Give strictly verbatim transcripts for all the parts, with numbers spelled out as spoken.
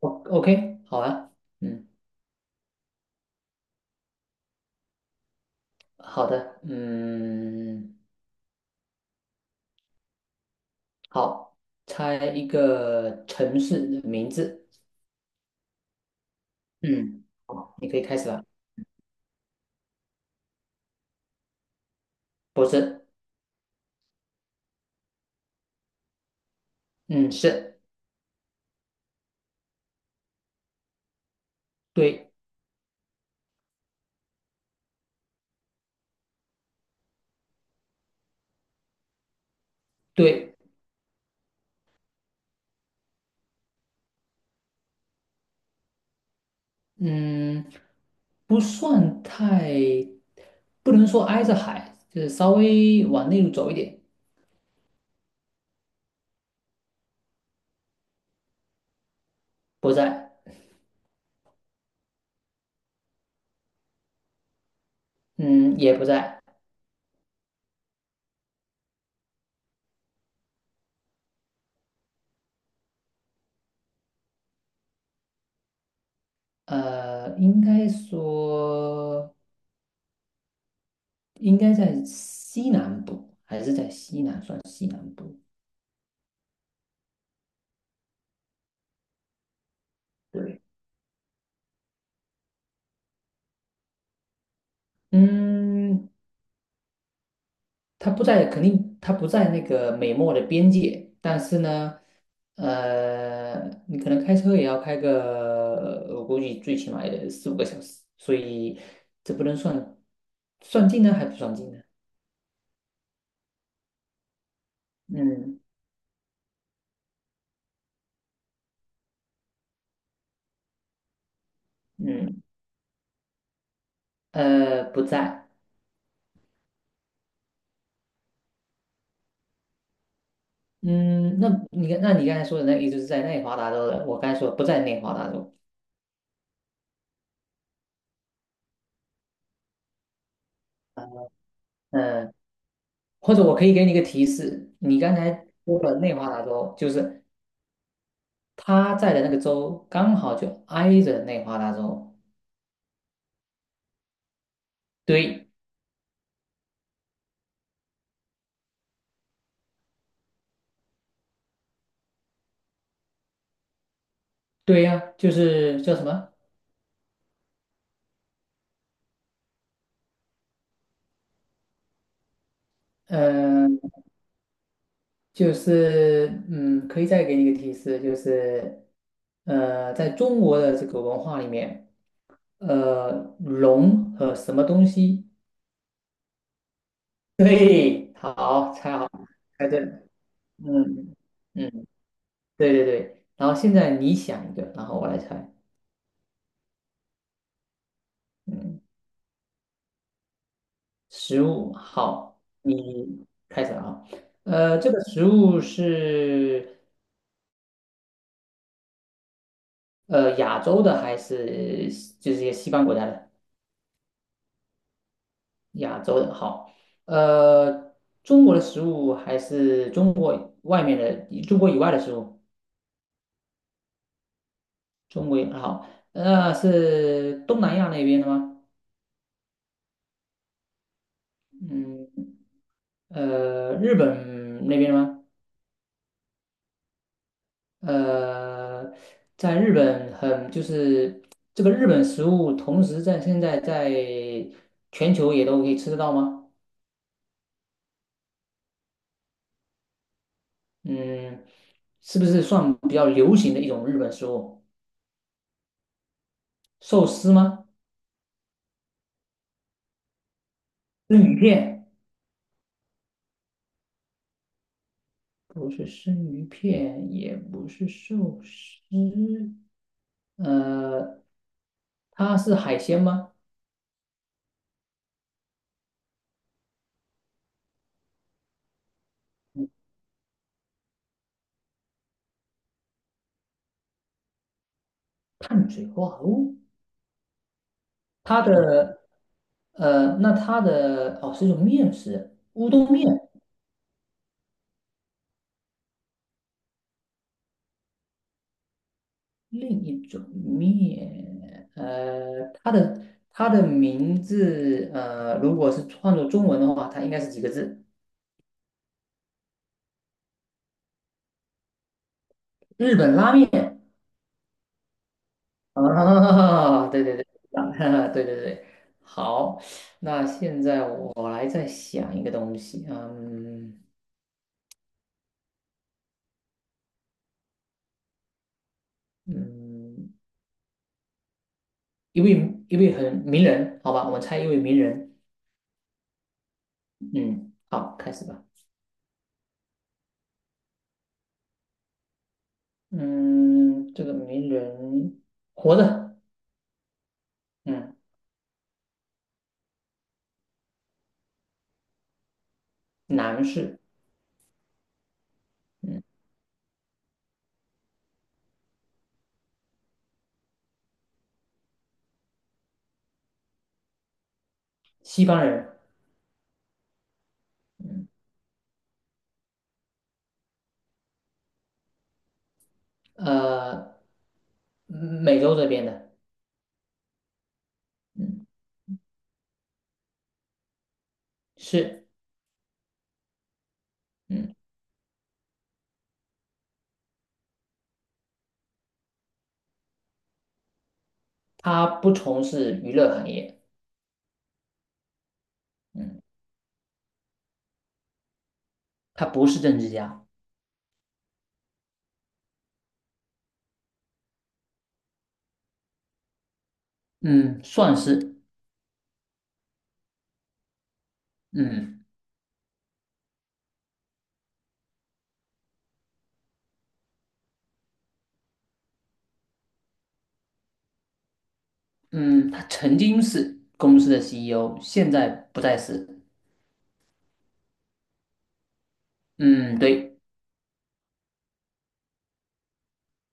哦 OK，好啊，嗯，好的，嗯，好，猜一个城市的名字，嗯，好，你可以开始了。不是，嗯，是，对，对，嗯，不算太，不能说挨着海，就是稍微往内陆走一点，不在，嗯，也不在，呃，应该说应该在西南部，还是在西南，算西南部。对。嗯，它不在，肯定它不在那个美墨的边界，但是呢，呃，你可能开车也要开个，我估计最起码也四五个小时，所以这不能算算近呢，还不算近呢。嗯嗯，呃，不在。嗯，那你刚那你刚才说的那个意思是在内华达州的，我刚才说不在内华达州。嗯，或者我可以给你一个提示，你刚才说了内华达州，就是他在的那个州刚好就挨着内华达州。对，对呀、就是叫什么？嗯、就是嗯，可以再给你一个提示，就是呃，在中国的这个文化里面，呃，龙和什么东西？对，好，猜好，猜对了。嗯嗯，对对对。然后现在你想一个，然后我来猜。嗯。食物好，你开始了啊。呃，这个食物是呃亚洲的还是就是一些西方国家的？亚洲的好，呃，中国的食物还是中国外面的，中国以外的食物？中国以好，那、是东南亚那边的吗？嗯，呃，日本那边的吗？呃，在日本很就是这个日本食物，同时在现在在全球也都可以吃得到吗？嗯，是不是算比较流行的一种日本食物？寿司吗？生鱼片？不是生鱼片，也不是寿司，呃，它是海鲜吗？碳水化合物？它的呃，那它的哦，是一种面食，乌冬面。另一种面，呃，它的它的名字，呃，如果是换作中文的话，它应该是几个字？日本拉面啊，对对对，啊 对对对，好，那现在我来再想一个东西，嗯嗯，一位一位很名人，好吧，我们猜一位名人，嗯，好，开始吧，嗯，这个名人活着，嗯，男士。嗯。西方人，嗯，呃，美洲这边的，嗯，是，嗯，他不从事娱乐行业，嗯，他不是政治家，嗯，算是，嗯嗯，他曾经是公司的 C E O，现在不再是，嗯，对，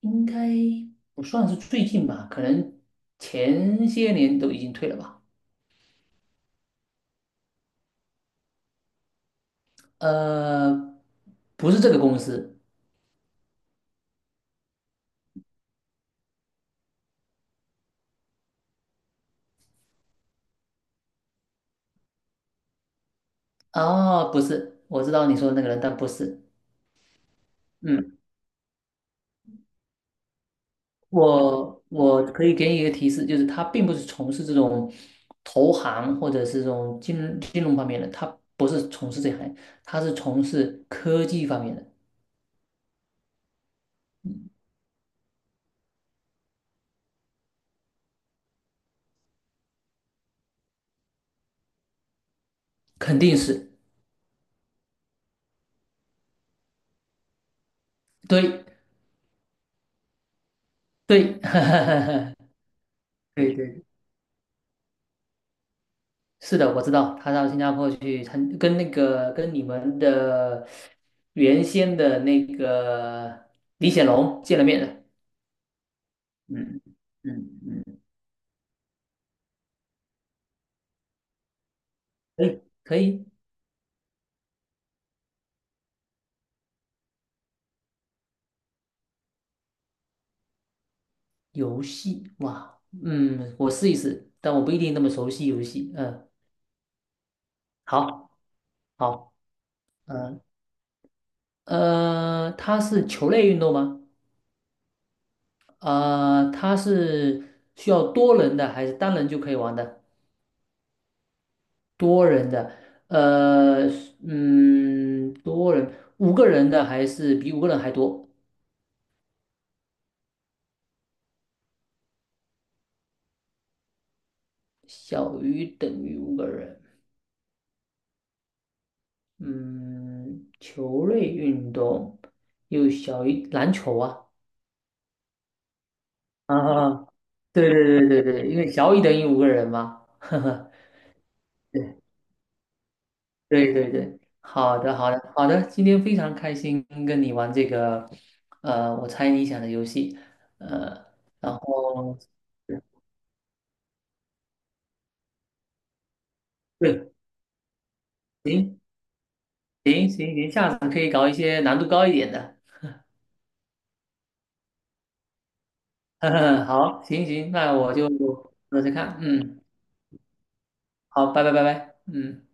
应该不算是最近吧，可能前些年都已经退了吧，呃，不是这个公司，哦，不是，我知道你说的那个人，但不是。嗯。我我可以给你一个提示，就是他并不是从事这种投行或者是这种金金融方面的，他不是从事这行，他是从事科技方面的，肯定是对对 对对，是的，我知道他到新加坡去参，跟那个跟你们的原先的那个李显龙见了面的，嗯嗯嗯，可以可以。游戏，哇，嗯，我试一试，但我不一定那么熟悉游戏。嗯，好，好，嗯，呃，它是球类运动吗？呃，它是需要多人的还是单人就可以玩的？多人的，呃，嗯，多人，五个人的还是比五个人还多？小于等于五个人。嗯，球类运动又小于篮球啊。啊，啊啊对对对对对，因为小于等于五个人嘛，呵呵，对对对对，好的好的好的，今天非常开心跟你玩这个，呃，我猜你想的游戏，呃，然后对，行行行行，下次可以搞一些难度高一点的，呵呵，好，行行，那我就试试看，嗯，好，拜拜拜拜，嗯。